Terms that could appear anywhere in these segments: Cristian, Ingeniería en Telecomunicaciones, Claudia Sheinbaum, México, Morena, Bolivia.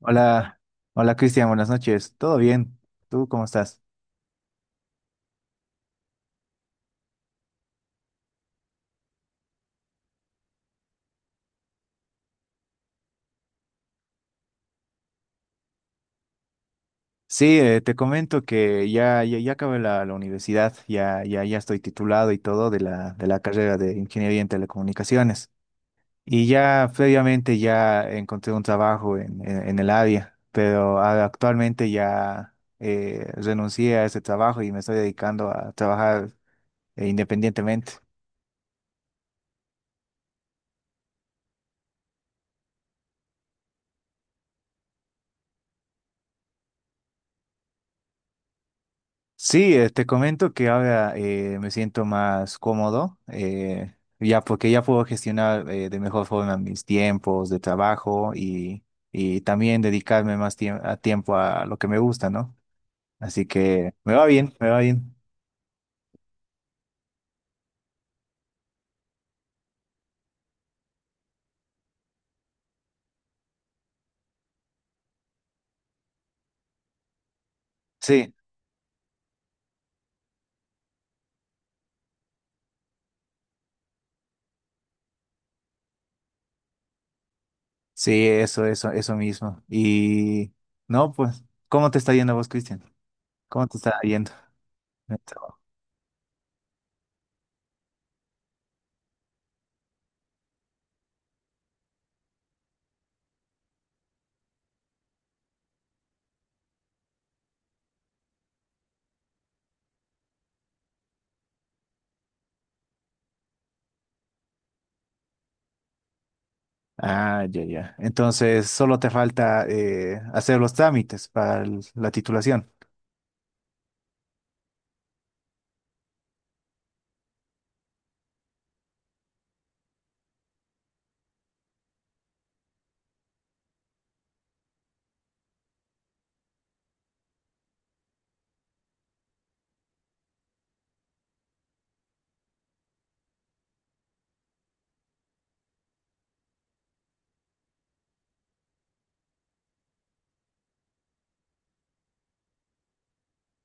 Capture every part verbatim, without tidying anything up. Hola, hola Cristian, buenas noches. ¿Todo bien? ¿Tú cómo estás? Sí, eh, te comento que ya, ya, ya acabé la, la universidad, ya, ya, ya estoy titulado y todo de la, de la carrera de Ingeniería en Telecomunicaciones. Y ya previamente ya encontré un trabajo en, en, en el área, pero a- actualmente ya eh, renuncié a ese trabajo y me estoy dedicando a trabajar eh, independientemente. Sí, eh, te comento que ahora eh, me siento más cómodo, eh, ya porque ya puedo gestionar eh, de mejor forma mis tiempos de trabajo y, y también dedicarme más tiemp- a tiempo a lo que me gusta, ¿no? Así que me va bien, me va bien. Sí, sí, eso, eso, eso mismo. Y no, pues, ¿cómo te está yendo a vos, Cristian? ¿Cómo te está yendo en el trabajo? Ah, ya, ya. Entonces, solo te falta eh, hacer los trámites para el- la titulación.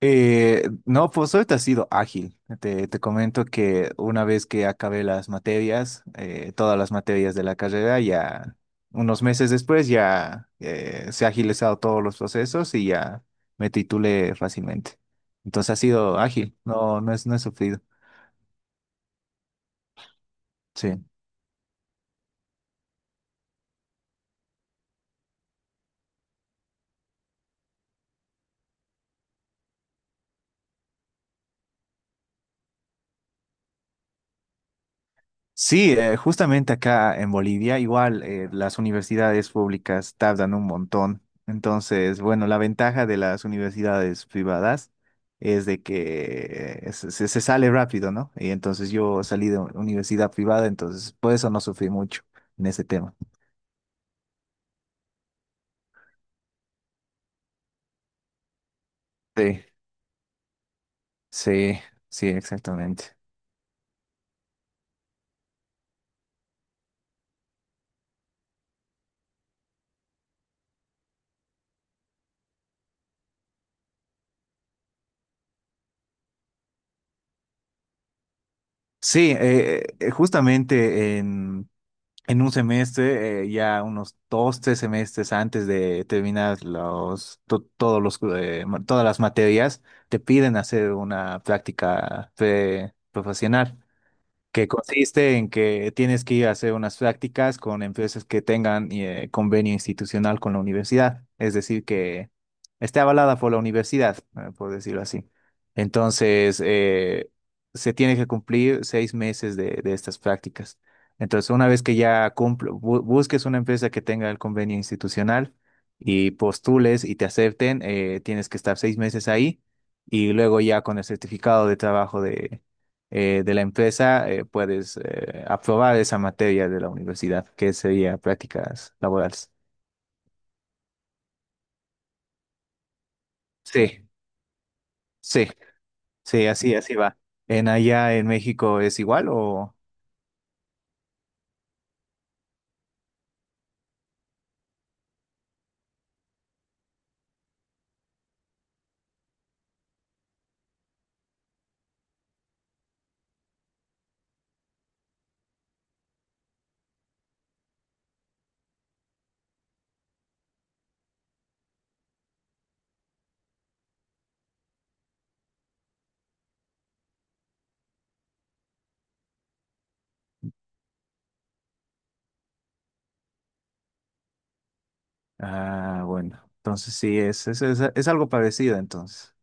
Eh, no, pues ahorita ha sido ágil. Te, te comento que una vez que acabé las materias, eh, todas las materias de la carrera, ya unos meses después ya eh, se ha agilizado todos los procesos y ya me titulé fácilmente. Entonces ha sido ágil, no, no es, no he sufrido. Sí. Sí, eh, justamente acá en Bolivia, igual eh, las universidades públicas tardan un montón. Entonces, bueno, la ventaja de las universidades privadas es de que eh, se, se- se sale rápido, ¿no? Y entonces yo salí de universidad privada, entonces por eso no sufrí mucho en ese tema. Sí, sí, sí, exactamente. Sí, eh, eh, justamente en un semestre, eh, ya unos dos, tres semestres antes de terminar los, to- todos los, eh, ma- todas las materias, te piden hacer una práctica pre- profesional que consiste en que tienes que ir a hacer unas prácticas con empresas que tengan eh, convenio institucional con la universidad, es decir, que esté avalada por la universidad, eh, por decirlo así. Entonces, eh, se tiene que cumplir seis meses de, de estas prácticas. Entonces, una vez que ya cumpl- bu- busques una empresa que tenga el convenio institucional y postules y te acepten, eh, tienes que estar seis meses ahí y luego ya con el certificado de trabajo eh, de la empresa, eh, puedes eh, aprobar esa materia de la universidad, que sería prácticas laborales. Sí, sí, sí, así, así va. ¿En allá en México es igual o...? Ah, bueno, entonces sí, es, es, es, es algo parecido entonces.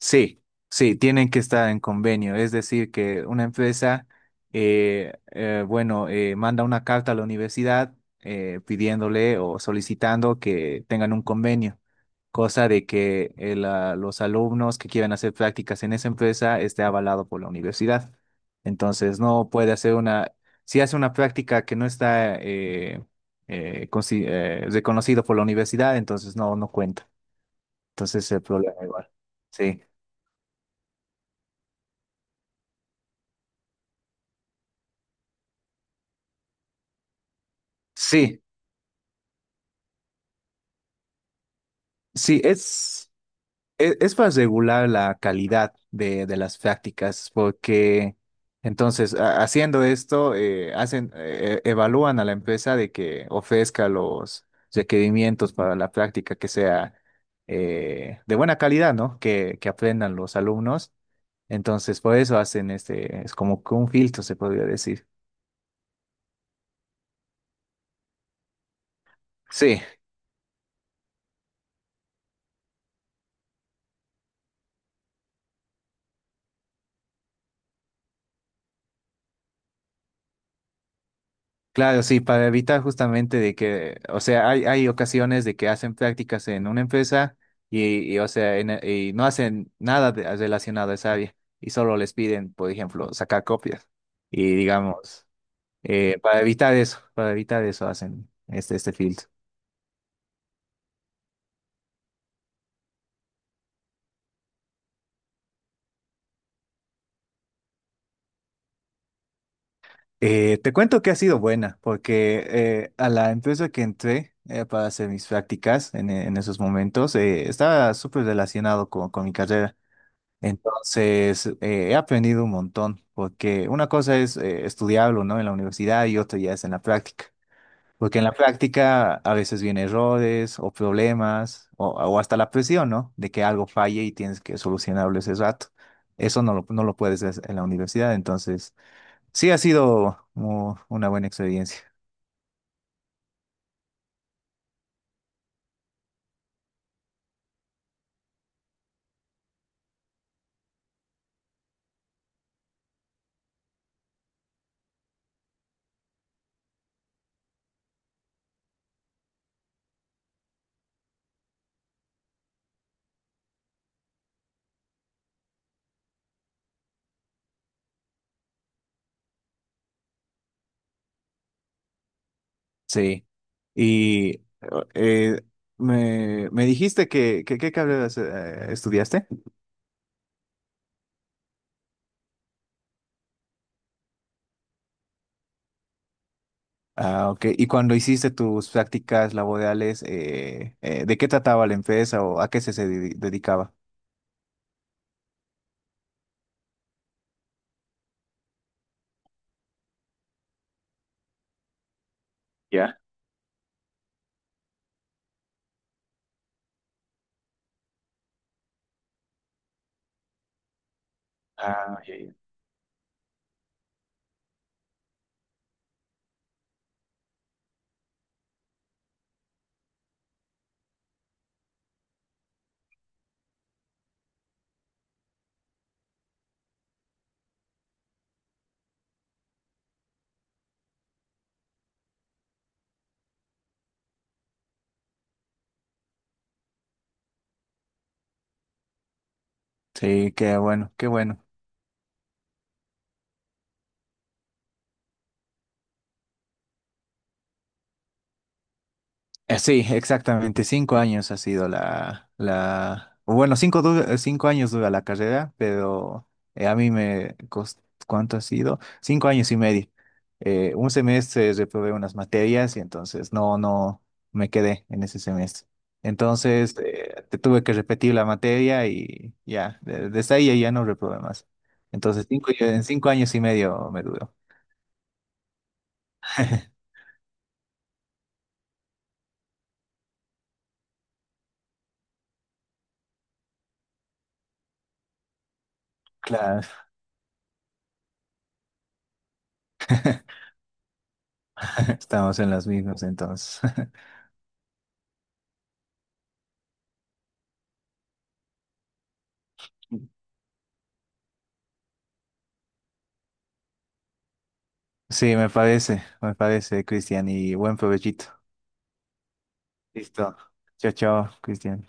Sí, sí, tienen que estar en convenio. Es decir, que una empresa, eh, eh, bueno, eh, manda una carta a la universidad eh, pidiéndole o solicitando que tengan un convenio, cosa de que eh, la- los alumnos que quieran hacer prácticas en esa empresa esté avalado por la universidad. Entonces, no puede hacer una, si hace una práctica que no está eh, eh, consi- eh, reconocido por la universidad, entonces no, no cuenta. Entonces, el problema igual. Sí. Sí, sí, es, e- es, para regular la calidad de, de las prácticas, porque entonces a- haciendo esto, eh, hacen, eh, evalúan a la empresa de que ofrezca los requerimientos para la práctica que sea eh, de buena calidad, ¿no? Que, que aprendan los alumnos. Entonces, por eso hacen este, es como que un filtro, se podría decir. Sí, claro, sí, para evitar justamente de que, o sea, hay, hay ocasiones de que hacen prácticas en una empresa y, y, o sea, en- y no hacen nada de- relacionado a esa área y solo les piden, por ejemplo, sacar copias. Y digamos, eh, para evitar eso, para evitar eso hacen este, este filtro. Eh, te cuento que ha sido buena, porque eh, a la empresa que entré eh, para hacer mis prácticas en, en esos momentos eh, estaba súper relacionado con, con mi carrera. Entonces, eh, he aprendido un montón, porque una cosa es eh, estudiarlo, ¿no? En la universidad y otra ya es en la práctica. Porque en la práctica a veces vienen errores o problemas o, o hasta la presión, ¿no? De que algo falle y tienes que solucionarlo ese rato. Eso no lo, no lo puedes hacer en la universidad. Entonces, sí ha sido mu- una buena experiencia. Sí. Y eh, me, me dijiste que, que- ¿qué carreras eh, estudiaste? Ah, ok. Y cuando hiciste tus prácticas laborales, eh, eh, ¿de qué trataba la empresa o a qué se, se dedi- dedicaba? ¿Ya? Ah, ya, ya. Sí, qué bueno, qué bueno. Eh, Sí, exactamente. Cinco años ha sido la, la... Bueno, cinco, du- eh, cinco años dura la carrera, pero eh, a mí me costó... ¿Cuánto ha sido? Cinco años y medio. Eh, un semestre reprobé unas materias y entonces no, no me quedé en ese semestre. Entonces eh, te tuve que repetir la materia y ya, de- desde ahí ya no reprobé más. Entonces cinco, en cinco años y medio me duró. Claro, estamos en las mismas entonces. Sí, me parece, me parece, Cristian, y buen provechito. Listo. Chao, chao, Cristian.